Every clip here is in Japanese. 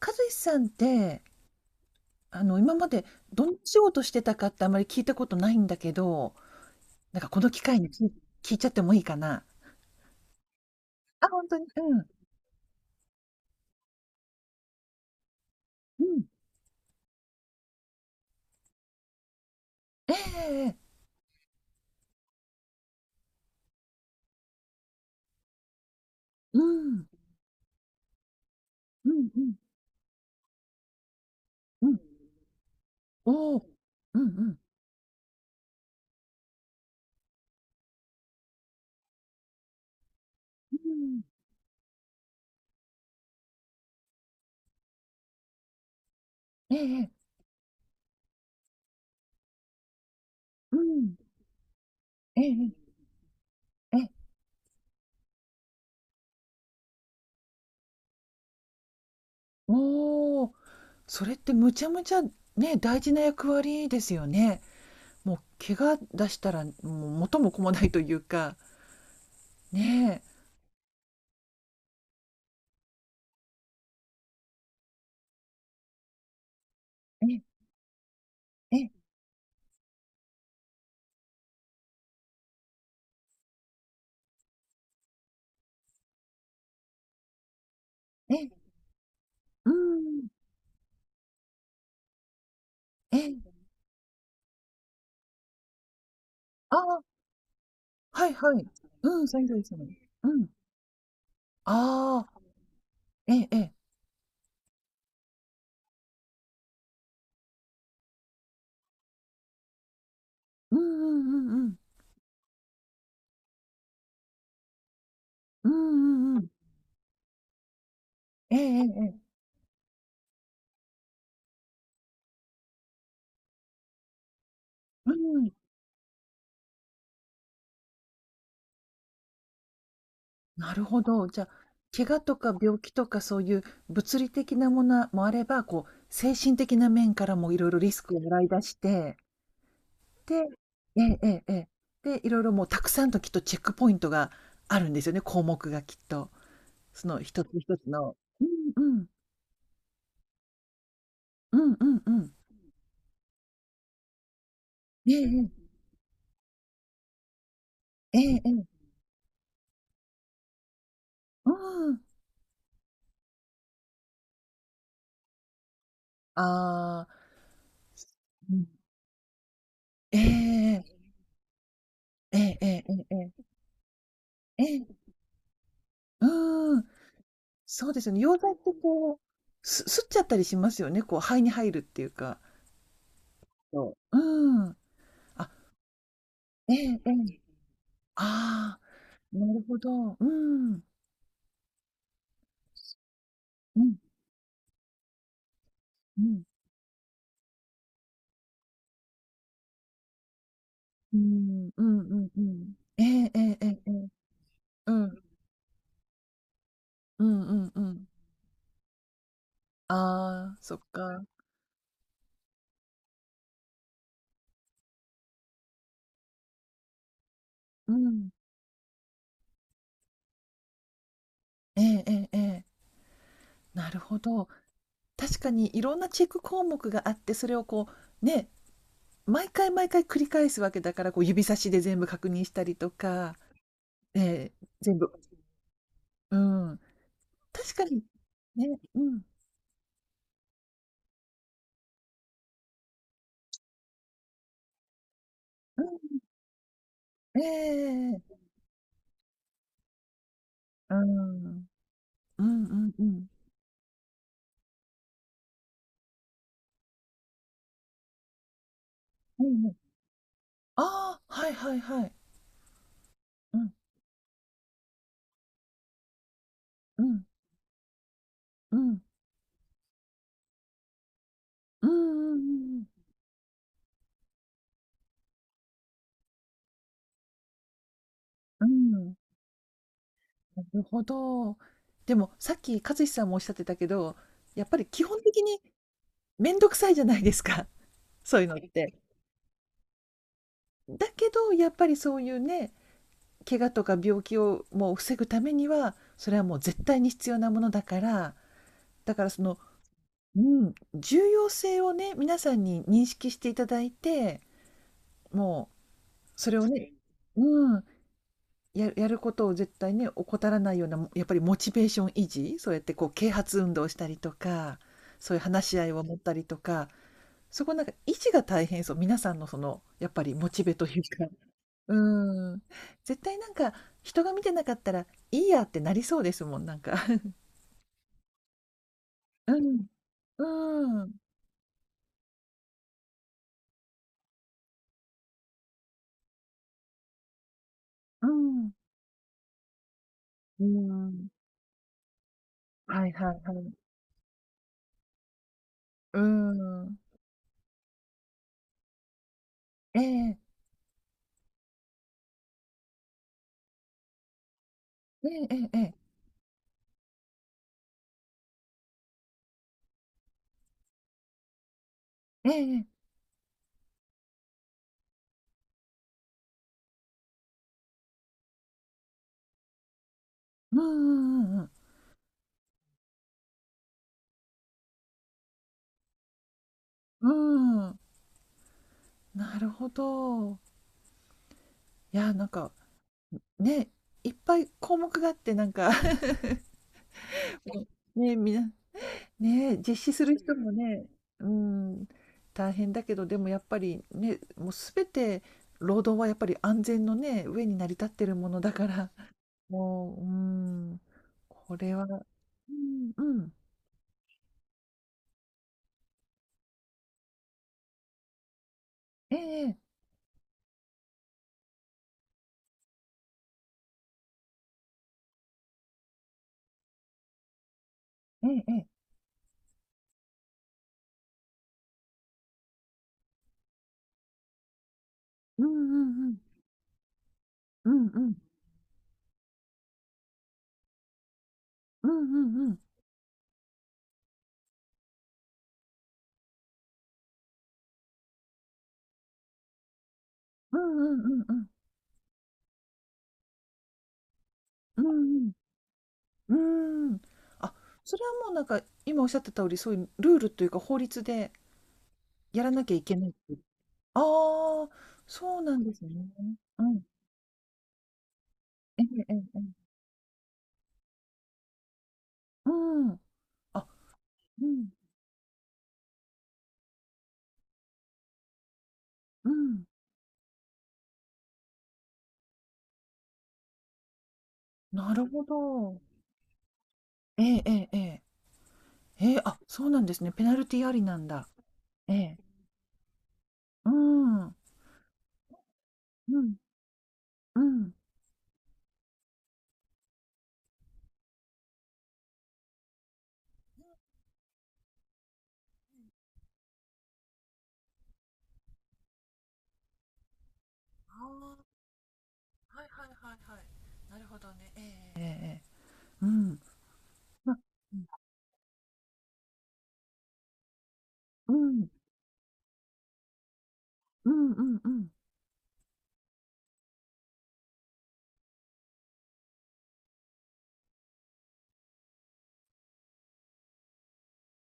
和志さんって、今までどんな仕事してたかってあまり聞いたことないんだけど、なんかこの機会に聞い聞いちゃってもいいかな。あ、本当に。うん。うん。ええええ。うん。うんうんうん。おお。うんうん。うん。ええええ。うん。ええええ。ええ。おお。それってむちゃむちゃね、大事な役割ですよね。もう怪我出したらもう元も子もないというか。ねえ。ええええ。ええ。うん。ええ。ああ、はいはい。うん、作業する。うん。ああ、ええええ。うんうんうんうん。うんうんうん。ええええええ。うん。なるほど。じゃあ、怪我とか病気とかそういう物理的なものもあれば、こう、精神的な面からもいろいろリスクを洗い出して、でええええええ。で、いろいろもうたくさんときっとチェックポイントがあるんですよね、項目がきっと。その一つ一つの。うんうん。うんうんうん。ええええ。ええええ。うん。ああ、うん。ええええええええええ。えうん、そうですよね。溶剤ってこう、す吸っちゃったりしますよね、こう肺に入るっていうか。そう。うん。あ、ええええ。ああ、なるほど。うん。うんうん。うーん、うんうんうんうんうんうんうんええええええええ。うん。うんうんうん。ああ、そっか。うん。ええええええ。なるほど。確かにいろんなチェック項目があって、それをこう、ね、毎回毎回繰り返すわけだから、こう指差しで全部確認したりとか、ええ、全部うん、確かに、ね、うん、うん、ええええうん。うんうんうん。うんうん。ああ、はいはいはい。うん、うん、うん。うんうんうんうん。うん。なるほど。でも、さっき勝志さんもおっしゃってたけど、やっぱり基本的に面倒くさいじゃないですか、そういうのって。だけど、やっぱりそういうね、怪我とか病気をもう防ぐためにはそれはもう絶対に必要なものだからだからその、うん、重要性をね皆さんに認識していただいてもうそれをね、うん、やることを絶対ね怠らないようなやっぱりモチベーション維持、そうやってこう啓発運動をしたりとか、そういう話し合いを持ったりとか、そこなんか維持が大変そう、皆さんのそのやっぱりモチベというか。うーん。絶対なんか、人が見てなかったら、いいやってなりそうですもん、なんか。うん。うーん。うん。うーん。はいはいはい。うーん。ええ。ええええええ。ええええうんうんうんうん。うーん。なるほど。いや、なんか、ね、いっぱい項目があってなんか ね、みんなね、実施する人もね、うん、大変だけど、でもやっぱりね、もうすべて労働はやっぱり安全のね、上に成り立ってるものだから、もう、うん、これは、うん、うん、ええ、ええ、ええ、うん、うん、うん、うん、うん、うん、うん、うん、うん、うん、うん、うん、うんうん、うん、あ、それはもうなんか、今おっしゃってた通り、そういうルールというか法律でやらなきゃいけない。ああ、そうなんですね。うん。ええええええ。うん。あ、うん、うん。なるほど。ええええええ。ええ、あ、そうなんですね。ペナルティありなんだ。ええ。うん。うん、うん。ああ、はいはいはいはい。なるほどね。ええ、うん。ま、うん、うん、うんうんうん。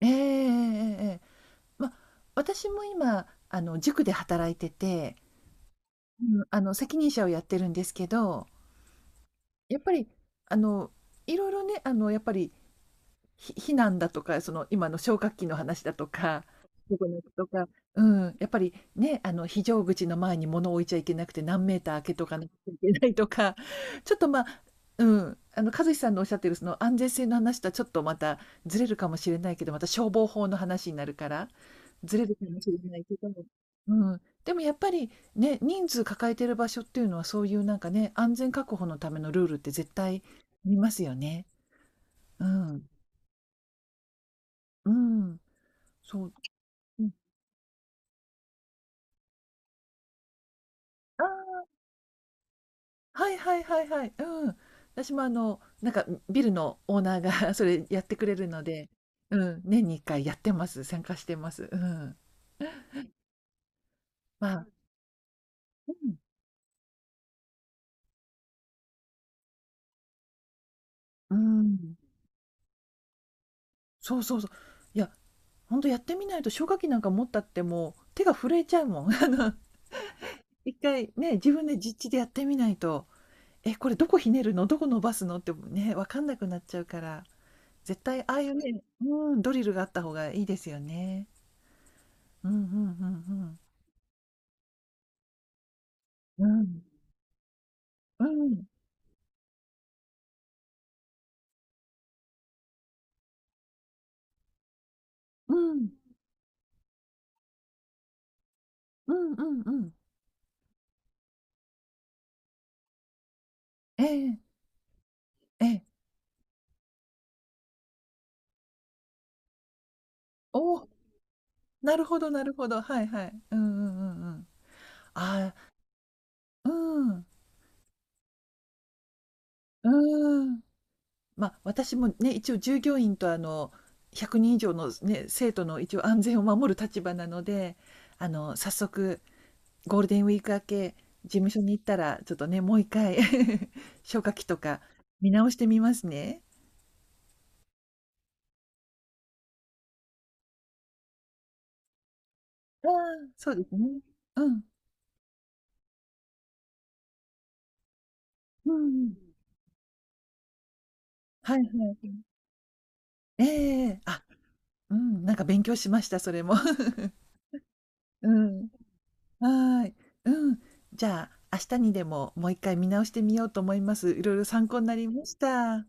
ええええええええ。ま、私も今、塾で働いてて、うん、責任者をやってるんですけど、やっぱり、あの、いろいろね、やっぱり避難だとか、その今の消火器の話だとか、どこに置くとか、うん、やっぱりね、あの非常口の前に物を置いちゃいけなくて、何メーター開けとかなちゃいけないとか、ちょっとまあ、うん、あの和志さんのおっしゃってるその安全性の話とはちょっとまたずれるかもしれないけど、また消防法の話になるから、ずれるかもしれないけど、うん、でもやっぱりね、人数抱えてる場所っていうのは、そういうなんかね、安全確保のためのルールって絶対見ますよね。うん、うん。そう、うん。ああ、はいはいはいはい。うん。私もなんか、ビルのオーナーが それやってくれるので、うん、年に1回やってます。参加してます。うん。まあ、うん、うん。そうそうそう。いや、ほんとやってみないと消火器なんか持ったってもう手が震えちゃうもん。あの、1回ね、自分で実地でやってみないと、え、これどこひねるの、どこ伸ばすのってね、わかんなくなっちゃうから、絶対ああいうね、うん、ドリルがあった方がいいですよね。うんうんうんうん。うん、うん、うん、うんうんうん。ええ、ええ。おお、なるほどなるほど。はいはい。うんうんうんうん。ああ、うんうんええええおなるほどなるほどはいはいうんうんうんうんああうんうん。まあ、私もね、一応従業員と100人以上のね、生徒の一応安全を守る立場なので、早速ゴールデンウィーク明け、事務所に行ったら、ちょっとね、もう一回 消火器とか見直してみますね。ああ、そうですね。うん、うんうん。はいはい。ええあ、うん、なんか勉強しました、それも。うん。はい。うん。じゃあ、明日にでももう1回見直してみようと思います。いろいろ参考になりました。